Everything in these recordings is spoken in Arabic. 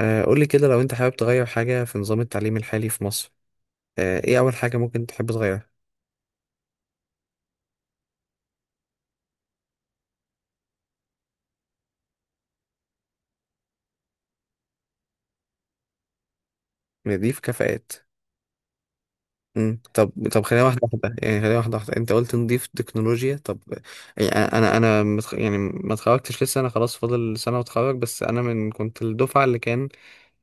قولي كده لو انت حابب تغير حاجة في نظام التعليم الحالي في مصر. ايه اول حاجة ممكن تحب تغيرها؟ نضيف كفاءات. مم. طب خلينا واحدة واحدة، يعني خلينا واحدة واحدة انت قلت نضيف تكنولوجيا. طب، يعني انا متخ... يعني ما اتخرجتش لسه، انا خلاص فاضل سنة واتخرج، بس انا من كنت الدفعة اللي كان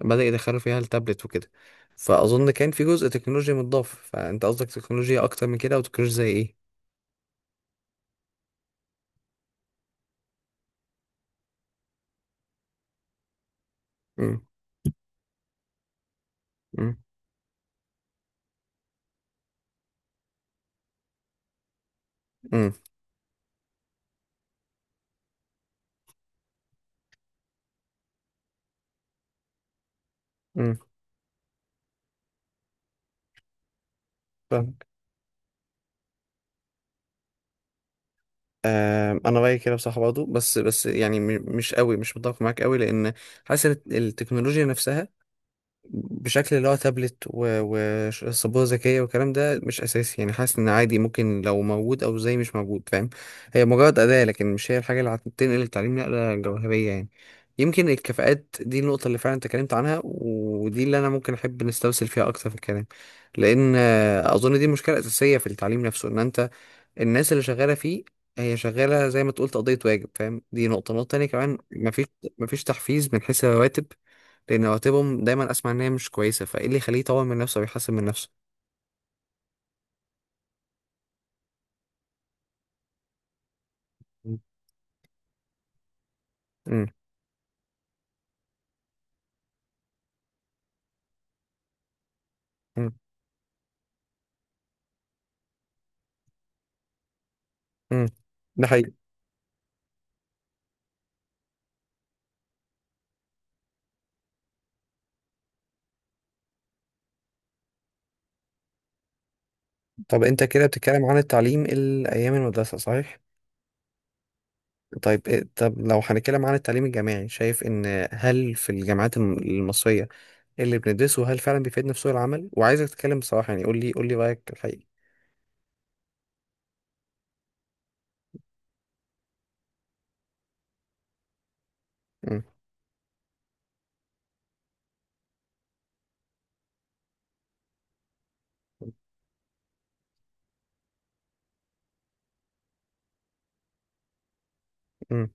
بدأ يدخلوا فيها التابلت وكده. فأظن كان في جزء تكنولوجيا متضاف، فانت قصدك تكنولوجيا اكتر من كده او تكنولوجيا زي ايه؟ مم. مم. مم. مم. فاهم. انا رايي كده بصراحه برضه، بس يعني مش قوي، مش متفق معاك قوي، لان حاسس التكنولوجيا نفسها بشكل اللي هو تابلت وسبوره ذكيه والكلام ده مش اساسي. يعني حاسس ان عادي، ممكن لو موجود او زي مش موجود، فاهم. هي مجرد اداه، لكن مش هي الحاجه اللي هتنقل التعليم نقله جوهريه يعني. يمكن الكفاءات دي النقطه اللي فعلا انت اتكلمت عنها، ودي اللي انا ممكن احب نستوصل فيها اكتر في الكلام. لان اظن دي مشكله اساسيه في التعليم نفسه، ان انت الناس اللي شغالة فيه هي شغالة زي ما تقول تقضية واجب، فاهم. دي نقطة تانية كمان، مفيش تحفيز من حيث الرواتب، لأن رواتبهم دايما أسمع إن هي مش كويسة، فإيه اللي يخليه يطور من نفسه ويحسن من نفسه؟ امم، امم، امم. ده حقيقي. طب أنت كده بتتكلم عن التعليم الأيام المدرسة، صحيح؟ طيب طب لو هنتكلم عن التعليم الجامعي، شايف إن هل في الجامعات المصرية اللي بندرسه هل فعلا بيفيدنا في سوق العمل؟ وعايزك تتكلم بصراحة يعني، قول لي رأيك الحقيقي. امم، امم.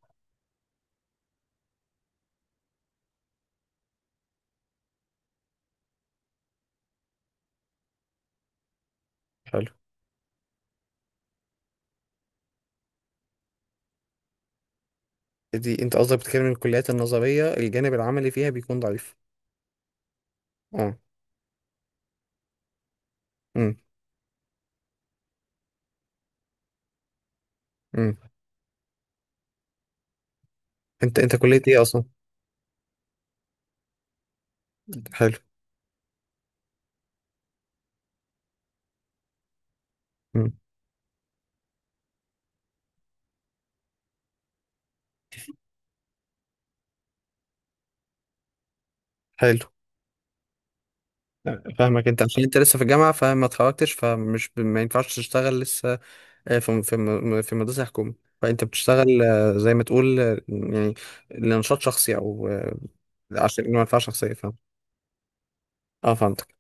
حلو. دي انت قصدك بتتكلم من الكليات النظرية الجانب العملي فيها بيكون ضعيف؟ اه. امم، امم. انت كلية ايه اصلا؟ حلو. امم. حلو. فاهمك، انت عشان انت لسه في الجامعة فما اتخرجتش، ما ينفعش تشتغل لسه في في مدرسة حكومة، فانت بتشتغل زي ما تقول يعني لنشاط شخصي او عشان منفعة شخصية، فاهم. اه، فهمتك.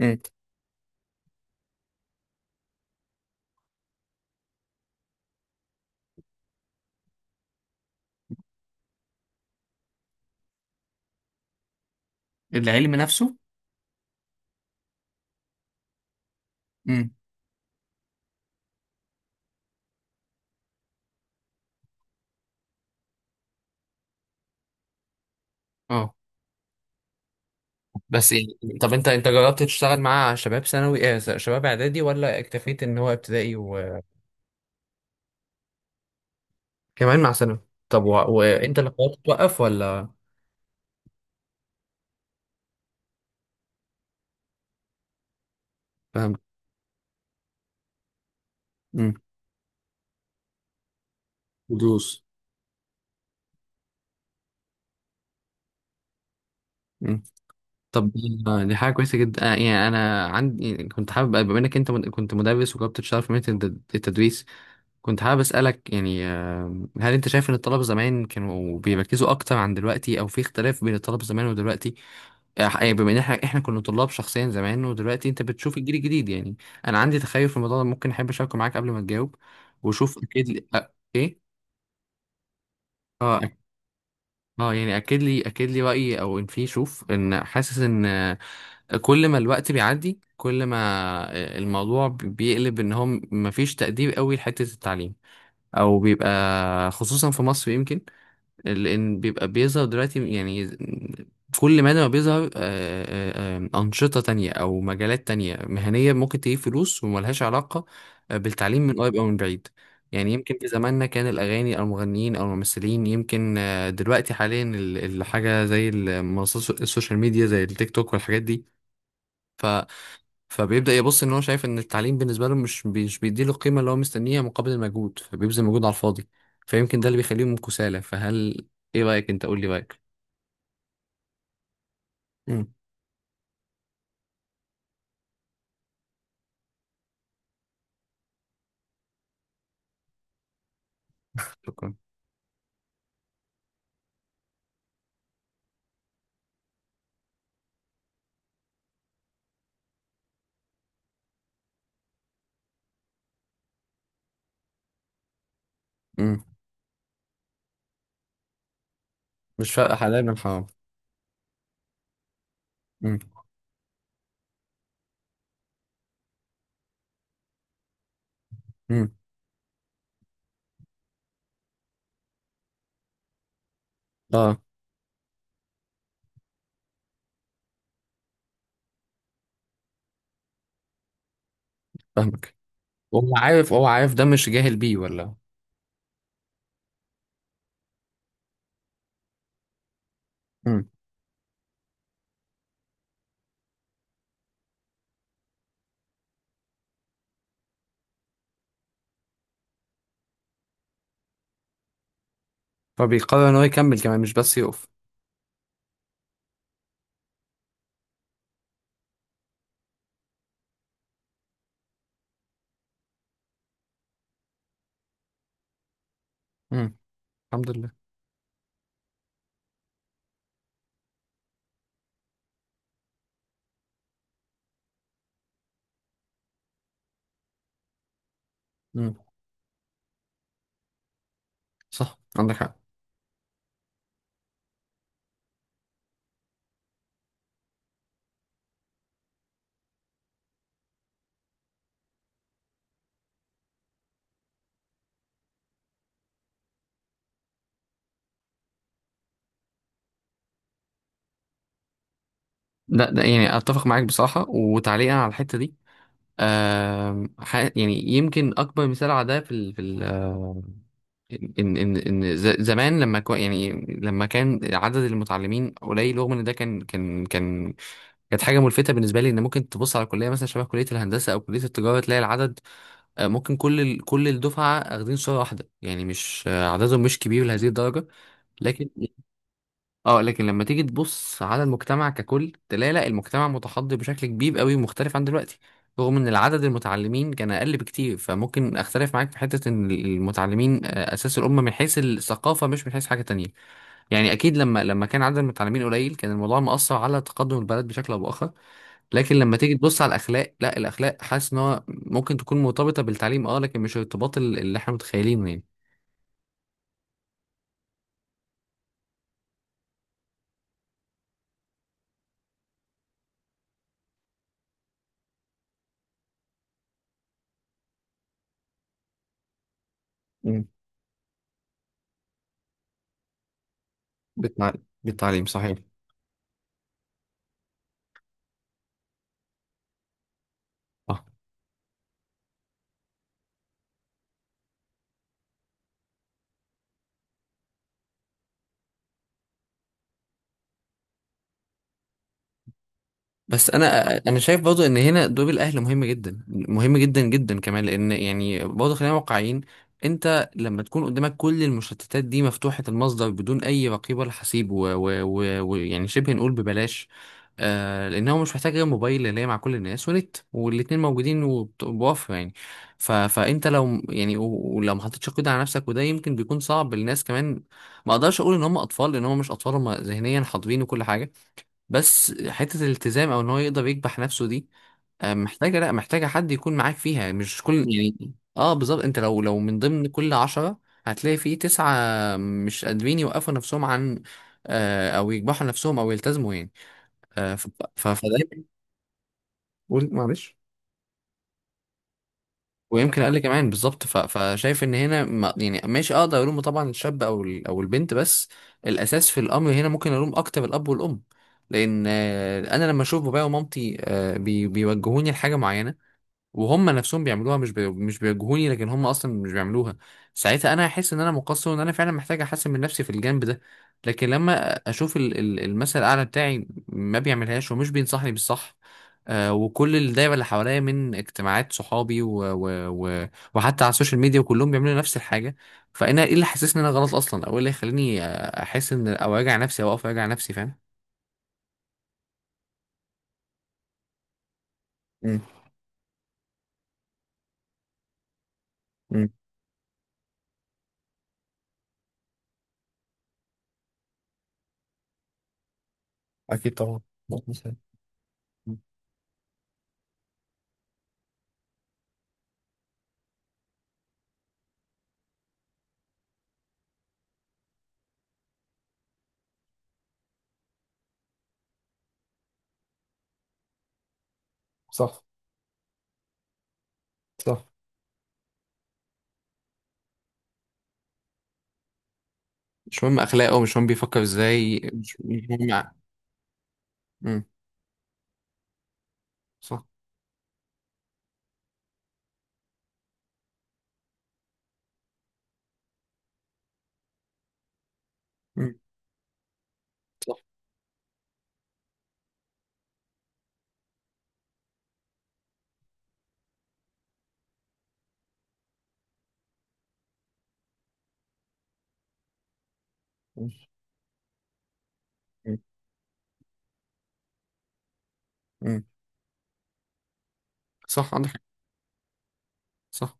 امم. العلم نفسه. امم. اه، بس يعني طب انت جربت تشتغل مع شباب ثانوي، اه شباب اعدادي، ولا اكتفيت ان هو ابتدائي وكمان؟ مع ثانوي. طب وانت اللي قررت توقف ولا؟ فاهم. مم. ودروس. مم. طب دي حاجة كويسة جدا. يعني أنا عندي كنت حابب، بما إنك أنت كنت مدرس وجربت تشتغل في مهنة التدريس، كنت حابب أسألك يعني، هل أنت شايف إن الطلبة زمان كانوا بيركزوا أكتر عن دلوقتي، أو في اختلاف بين الطلبة زمان ودلوقتي؟ يعني بما إن إحنا كنا طلاب شخصيا زمان، ودلوقتي أنت بتشوف الجيل الجديد يعني. أنا عندي تخيل في الموضوع ده، ممكن أحب أشاركه معاك قبل ما تجاوب وشوف أكيد لي إيه؟ أه، يعني أكيد لي رأيي، أو إن في شوف، إن حاسس إن كل ما الوقت بيعدي كل ما الموضوع بيقلب، إن هم مفيش تقدير قوي لحتة التعليم، او بيبقى خصوصا في مصر يمكن، لان بيبقى بيظهر دلوقتي يعني. كل ما ده بيظهر أنشطة تانية أو مجالات تانية مهنية ممكن تجيب فلوس وملهاش علاقة بالتعليم من قريب أو من بعيد. يعني يمكن في زماننا كان الأغاني أو المغنيين أو الممثلين، يمكن دنوقتي حاليا الحاجة زي المنصات السوشيال ميديا، زي التيك توك والحاجات دي. ف فبيبدأ يبص ان هو شايف ان التعليم بالنسبة له مش بي- مش بيديله القيمة اللي هو مستنيها مقابل المجهود، فبيبذل مجهود على الفاضي. فيمكن ده اللي بيخليهم كسالى. فهل، ايه رأيك؟ انت قول لي رأيك. امم. شكرا. امم. مش فارقة حلال من حرام. امم، امم. اه، فاهمك. وهو عارف، هو عارف ده، مش جاهل بيه ولا؟ امم. فبيقرر ان هو يكمل كمان، مش بس يقف. امم. الحمد لله. امم. صح عندك حق. لا، ده يعني اتفق معاك بصراحة، وتعليقا على الحتة دي، يعني يمكن اكبر مثال على ده في ال في ال آه، زمان لما كو يعني لما كان عدد المتعلمين قليل، رغم ان ده كان، كانت حاجه ملفته بالنسبه لي، ان ممكن تبص على كليه، مثلا شبه كليه الهندسه او كليه التجاره، تلاقي العدد ممكن كل كل الدفعه اخدين صوره واحده، يعني مش آه، عددهم مش كبير لهذه الدرجه. لكن، اه، لكن لما تيجي تبص على المجتمع ككل تلاقي لا، المجتمع متحضر بشكل كبير قوي ومختلف عن دلوقتي، رغم ان العدد المتعلمين كان اقل بكتير. فممكن اختلف معاك في حتة ان المتعلمين اساس الامة من حيث الثقافة، مش من حيث حاجة تانية. يعني اكيد لما كان عدد المتعلمين قليل كان الموضوع مؤثر على تقدم البلد بشكل او باخر. لكن لما تيجي تبص على الاخلاق، لا، الاخلاق حاسس ان هو ممكن تكون مرتبطة بالتعليم اه، لكن مش الارتباط اللي احنا متخيلينه يعني. مم. بالتع- بالتعليم صحيح. بس انا شايف برضه ان هنا دور الاهل مهم جدا، مهم جدا جدا كمان، لان يعني برضه خلينا واقعيين. انت لما تكون قدامك كل المشتتات دي مفتوحة المصدر، بدون اي رقيب ولا حسيب، ويعني و... و... و- ويعني شبه نقول ببلاش، لان هو مش محتاج غير موبايل اللي هي مع كل الناس، ونت والاتنين موجودين بوفر يعني. فانت لو يعني ولو ما حطيتش قيد على نفسك، وده يمكن بيكون صعب للناس كمان. ما اقدرش اقول ان هم اطفال، لان هم مش اطفال، هم ذهنيا حاضرين وكل حاجة. بس حتة الالتزام او ان هو يقدر يكبح نفسه دي، محتاجة، لا، محتاجة حد يكون معاك فيها، مش كل يعني، اه بالظبط. انت لو من ضمن كل عشرة هتلاقي في تسعة مش قادرين يوقفوا نفسهم عن او يكبحوا نفسهم او يلتزموا يعني. آه ف- فدايما. قول، معلش. ويمكن اقل كمان، بالظبط. فشايف ان هنا ماشي، اقدر الوم طبعا الشاب او او البنت، بس الاساس في الامر هنا ممكن الوم اكتر الاب والام. لان انا لما اشوف بابايا ومامتي بيوجهوني لحاجه معينه وهم نفسهم بيعملوها، مش بي... مش بيواجهوني لكن هم اصلا مش بيعملوها، ساعتها انا هحس ان انا مقصر، وان انا فعلا محتاج احسن من نفسي في الجانب ده. لكن لما اشوف المثل الاعلى بتاعي ما بيعملهاش ومش بينصحني بالصح، وكل الدايره اللي حواليا من اجتماعات صحابي و... وحتى على السوشيال ميديا وكلهم بيعملوا نفس الحاجه، فانا ايه اللي حسسني ان انا غلط اصلا، او ايه اللي يخليني احس ان، او اوجع نفسي، او اقف اوجع نفسي، فاهم. امم، امم. اكيد طبعا. مظبوط. صح، صح. مش مهم اخلاقه، مش مهم بيفكر ازاي، مش مهم مم. صح. مم. صح. مم. مم. صح عندك حق. صح.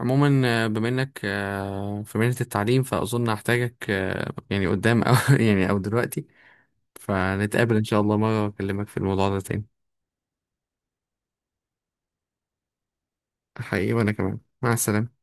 عموما بما انك في مهنة التعليم، فاظن هحتاجك يعني قدام او يعني او دلوقتي، فنتقابل ان شاء الله مرة واكلمك في الموضوع ده تاني. حقيقي، وانا كمان. مع السلامة.